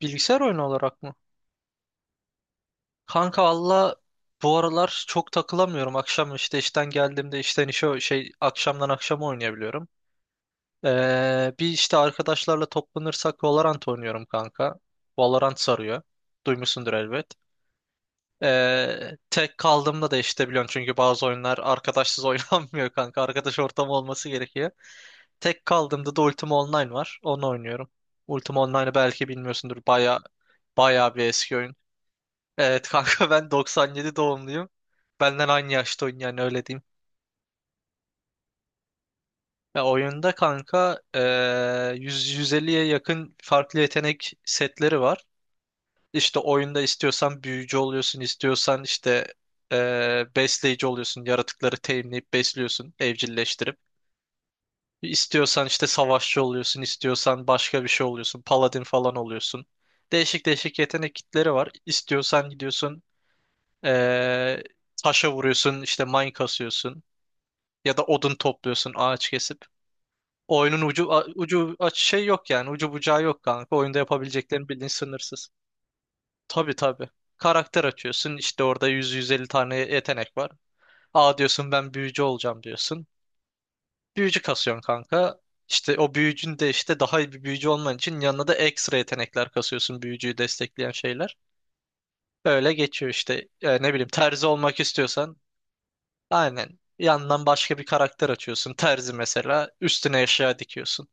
Bilgisayar oyunu olarak mı? Kanka valla bu aralar çok takılamıyorum. Akşam işte işten geldiğimde işten işe şey akşamdan akşama oynayabiliyorum. Bir işte arkadaşlarla toplanırsak Valorant oynuyorum kanka. Valorant sarıyor. Duymuşsundur elbet. Tek kaldığımda da işte biliyorsun çünkü bazı oyunlar arkadaşsız oynanmıyor kanka. Arkadaş ortamı olması gerekiyor. Tek kaldığımda da Ultima Online var. Onu oynuyorum. Ultima Online'ı belki bilmiyorsundur. Baya baya bir eski oyun. Evet kanka ben 97 doğumluyum. Benden aynı yaşta oyun yani öyle diyeyim. Ya oyunda kanka 100-150'ye yakın farklı yetenek setleri var. İşte oyunda istiyorsan büyücü oluyorsun, istiyorsan işte besleyici oluyorsun, yaratıkları teminleyip besliyorsun, evcilleştirip. İstiyorsan işte savaşçı oluyorsun, istiyorsan başka bir şey oluyorsun, paladin falan oluyorsun. Değişik değişik yetenek kitleri var. İstiyorsan gidiyorsun eee taşa vuruyorsun, işte mine kasıyorsun. Ya da odun topluyorsun ağaç kesip. Oyunun ucu aç şey yok yani. Ucu bucağı yok kanka. Oyunda yapabileceklerin bildiğin sınırsız. Tabii tabii. Karakter açıyorsun. İşte orada 100-150 tane yetenek var. Aa diyorsun ben büyücü olacağım diyorsun. Büyücü kasıyorsun kanka. İşte o büyücün de işte daha iyi bir büyücü olman için yanına da ekstra yetenekler kasıyorsun büyücüyü destekleyen şeyler. Öyle geçiyor işte. Ne bileyim terzi olmak istiyorsan aynen. Yandan başka bir karakter açıyorsun. Terzi mesela üstüne eşya dikiyorsun.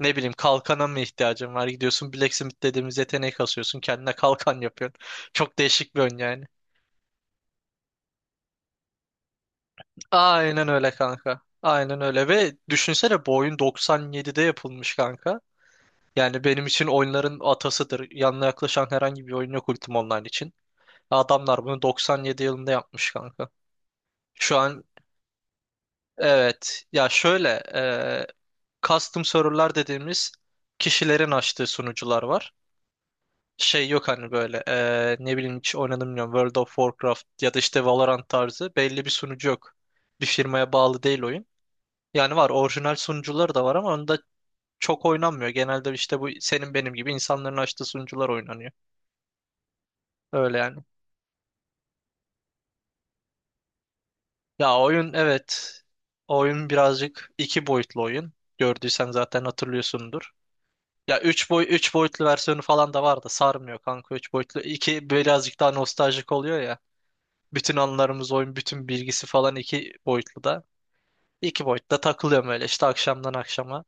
Ne bileyim kalkana mı ihtiyacın var? Gidiyorsun Blacksmith dediğimiz yeteneği kasıyorsun. Kendine kalkan yapıyorsun. Çok değişik bir oyun yani. Aynen öyle kanka. Aynen öyle ve düşünsene bu oyun 97'de yapılmış kanka. Yani benim için oyunların atasıdır. Yanına yaklaşan herhangi bir oyun yok Ultima Online için. Adamlar bunu 97 yılında yapmış kanka. Şu an evet ya şöyle e, custom server'lar dediğimiz kişilerin açtığı sunucular var. Şey yok hani böyle ne bileyim hiç oynadım bilmiyorum World of Warcraft ya da işte Valorant tarzı belli bir sunucu yok. Bir firmaya bağlı değil oyun. Yani var orijinal sunucuları da var ama onda çok oynanmıyor. Genelde işte bu senin benim gibi insanların açtığı sunucular oynanıyor. Öyle yani. Ya oyun evet. Oyun birazcık iki boyutlu oyun. Gördüysen zaten hatırlıyorsundur. Ya 3 boyutlu versiyonu falan da var da sarmıyor kanka 3 boyutlu. İki birazcık daha nostaljik oluyor ya. Bütün anılarımız oyun, bütün bilgisi falan iki boyutlu da. İki boyutta takılıyorum öyle işte akşamdan akşama.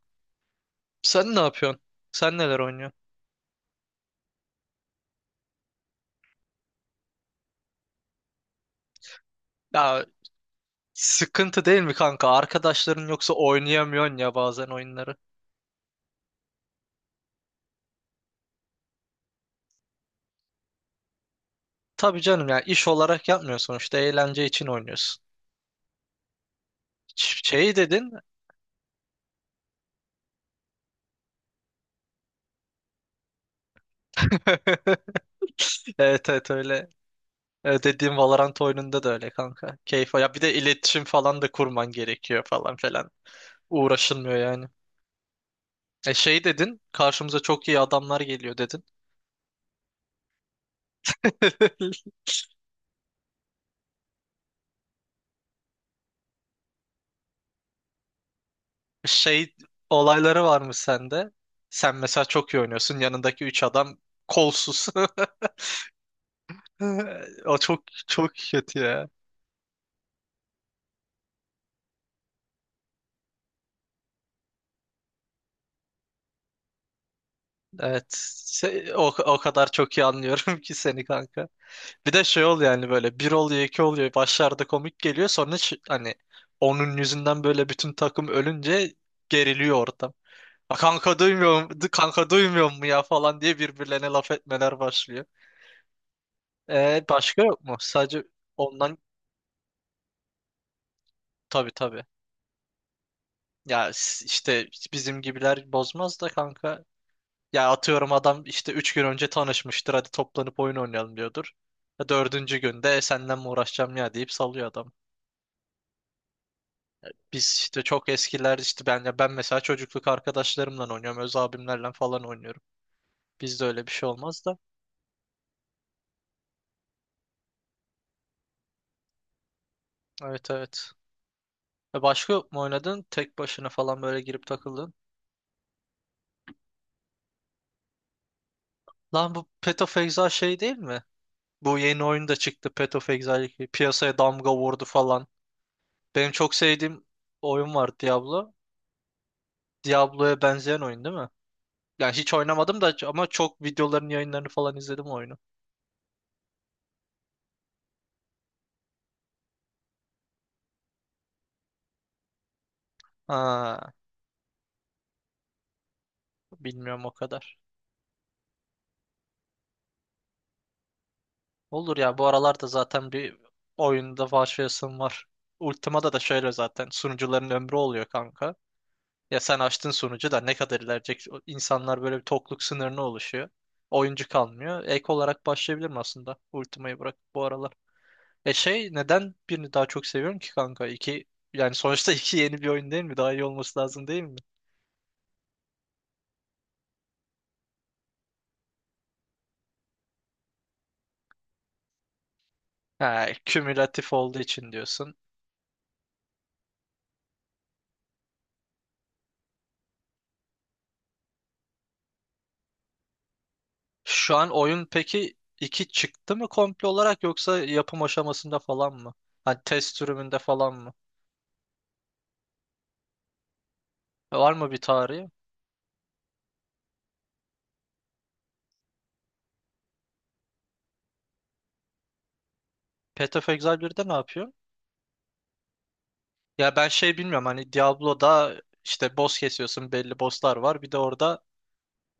Sen ne yapıyorsun? Sen neler oynuyorsun? Ya sıkıntı değil mi kanka? Arkadaşların yoksa oynayamıyorsun ya bazen oyunları. Tabii canım ya iş olarak yapmıyorsun işte eğlence için oynuyorsun. Şey dedin. Evet evet öyle. Evet, dediğim Valorant oyununda da öyle kanka. Keyif. Ya bir de iletişim falan da kurman gerekiyor falan filan. Uğraşılmıyor yani. E şey dedin, karşımıza çok iyi adamlar geliyor dedin. Şey olayları var mı sende. Sen mesela çok iyi oynuyorsun. Yanındaki üç adam kolsuz. O çok çok kötü ya. Evet. O kadar çok iyi anlıyorum ki seni kanka. Bir de şey oluyor yani böyle bir oluyor iki oluyor. Başlarda komik geliyor. Sonra hani onun yüzünden böyle bütün takım ölünce geriliyor ortam. "A, Kanka duymuyorum, kanka duymuyor mu ya falan diye birbirlerine laf etmeler başlıyor. Başka yok mu? Sadece ondan tabii tabii. Ya işte bizim gibiler bozmaz da kanka. Ya atıyorum adam işte 3 gün önce tanışmıştır hadi toplanıp oyun oynayalım diyordur. Ya dördüncü günde "E, senden mi uğraşacağım ya deyip salıyor adam. Biz işte çok eskiler işte ben ya ben mesela çocukluk arkadaşlarımla oynuyorum. Öz abimlerle falan oynuyorum. Bizde öyle bir şey olmaz da. Evet evet. E başka yok mu oynadın? Tek başına falan böyle girip takıldın. Lan bu Path of Exile şey değil mi? Bu yeni oyun da çıktı Path of Exile 2. Piyasaya damga vurdu falan. Benim çok sevdiğim oyun var Diablo. Diablo'ya benzeyen oyun değil mi? Yani hiç oynamadım da ama çok videoların yayınlarını falan izledim o oyunu. Ha, bilmiyorum o kadar. Olur ya bu aralarda zaten bir oyunda başlayasım var. Ultima'da da şöyle zaten sunucuların ömrü oluyor kanka. Ya sen açtın sunucu da ne kadar ilerleyecek? O İnsanlar böyle bir tokluk sınırına oluşuyor oyuncu kalmıyor. Ek olarak başlayabilirim aslında Ultima'yı bırak bu aralar. E şey neden birini daha çok seviyorum ki kanka? İki yani sonuçta iki yeni bir oyun değil mi? Daha iyi olması lazım değil mi? Ha, kümülatif olduğu için diyorsun. Şu an oyun peki iki çıktı mı komple olarak yoksa yapım aşamasında falan mı? Hani test sürümünde falan mı? Var mı bir tarihi? Path of Exile 1'de ne yapıyor? Ya ben şey bilmiyorum hani Diablo'da işte boss kesiyorsun belli bosslar var. Bir de orada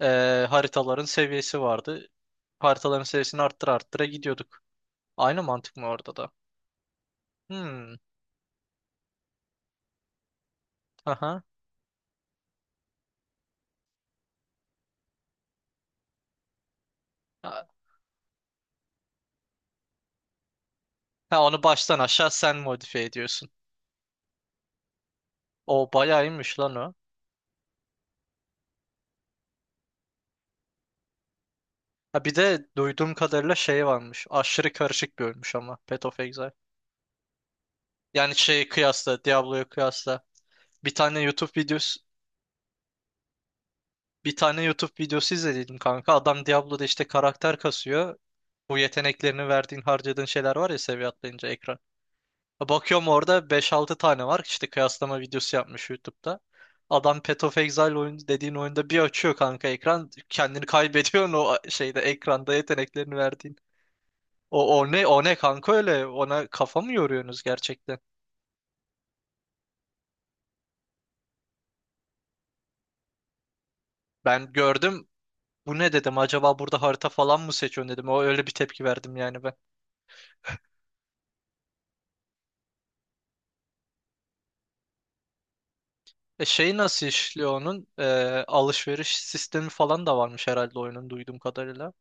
haritaların seviyesi vardı. Haritaların seviyesini arttıra arttıra gidiyorduk. Aynı mantık mı orada da? Hmm. Aha. Ha, ha, onu baştan aşağı sen modifiye ediyorsun. O bayağı iyiymiş lan o. Ha, bir de duyduğum kadarıyla şey varmış. Aşırı karışık bir ölmüş ama Path of Exile. Yani şeyi kıyasla, Diablo'ya kıyasla. Bir tane YouTube videosu bir tane YouTube videosu izlediydim kanka. Adam Diablo'da işte karakter kasıyor. Bu yeteneklerini verdiğin, harcadığın şeyler var ya seviye atlayınca ekran. Bakıyorum orada beş altı tane var. İşte kıyaslama videosu yapmış YouTube'da. Adam Path of Exile oyun dediğin oyunda bir açıyor kanka ekran. Kendini kaybediyorsun o şeyde ekranda yeteneklerini verdiğin. O ne o ne kanka öyle ona kafa mı yoruyorsunuz gerçekten? Ben gördüm bu ne dedim acaba burada harita falan mı seçiyorsun dedim. O öyle bir tepki verdim yani ben. E şey nasıl işliyor onun? E, alışveriş sistemi falan da varmış herhalde oyunun duyduğum kadarıyla.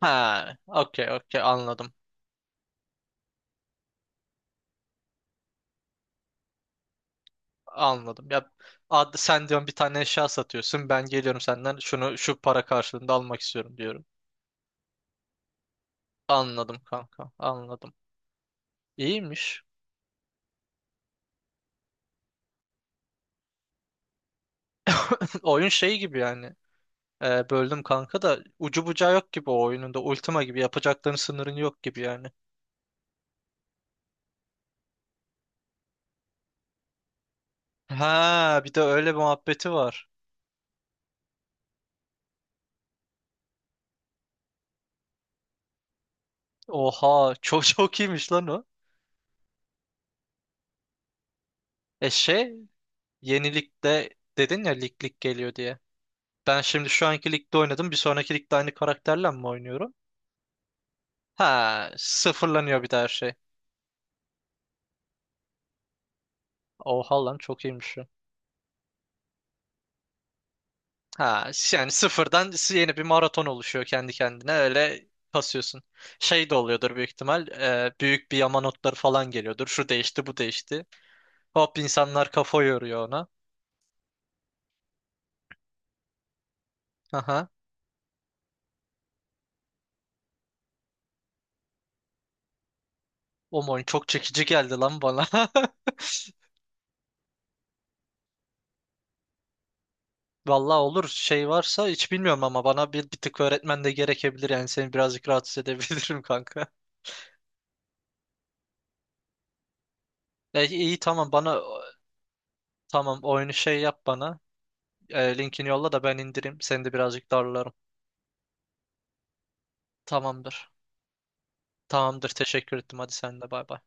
Ha, okey okey anladım. Anladım. Ya sen diyorum bir tane eşya satıyorsun. Ben geliyorum senden şunu şu para karşılığında almak istiyorum diyorum. Anladım kanka. Anladım. İyiymiş. Oyun şey gibi yani. Böldüm kanka da ucu bucağı yok gibi o oyunun da Ultima gibi yapacakların sınırın yok gibi yani. Ha bir de öyle bir muhabbeti var. Oha çok çok iyiymiş lan o. E şey yenilikte dedin ya lig lig geliyor diye. Ben şimdi şu anki ligde oynadım. Bir sonraki ligde aynı karakterle mi oynuyorum? Ha, sıfırlanıyor bir de her şey. Oha lan çok iyiymiş ya. Ha, yani sıfırdan yeni bir maraton oluşuyor kendi kendine öyle kasıyorsun. Şey de oluyordur büyük ihtimal. E, büyük bir yama notları falan geliyordur. Şu değişti, bu değişti. Hop insanlar kafa yoruyor ona. Aha. O oyun çok çekici geldi lan bana. Vallahi olur şey varsa hiç bilmiyorum ama bana bir tık öğretmen de gerekebilir yani seni birazcık rahatsız edebilirim kanka. E, iyi tamam bana tamam oyunu şey yap bana. E, linkini yolla da ben indireyim. Seni de birazcık darlarım. Tamamdır. Tamamdır. Teşekkür ettim. Hadi sen de bay bay.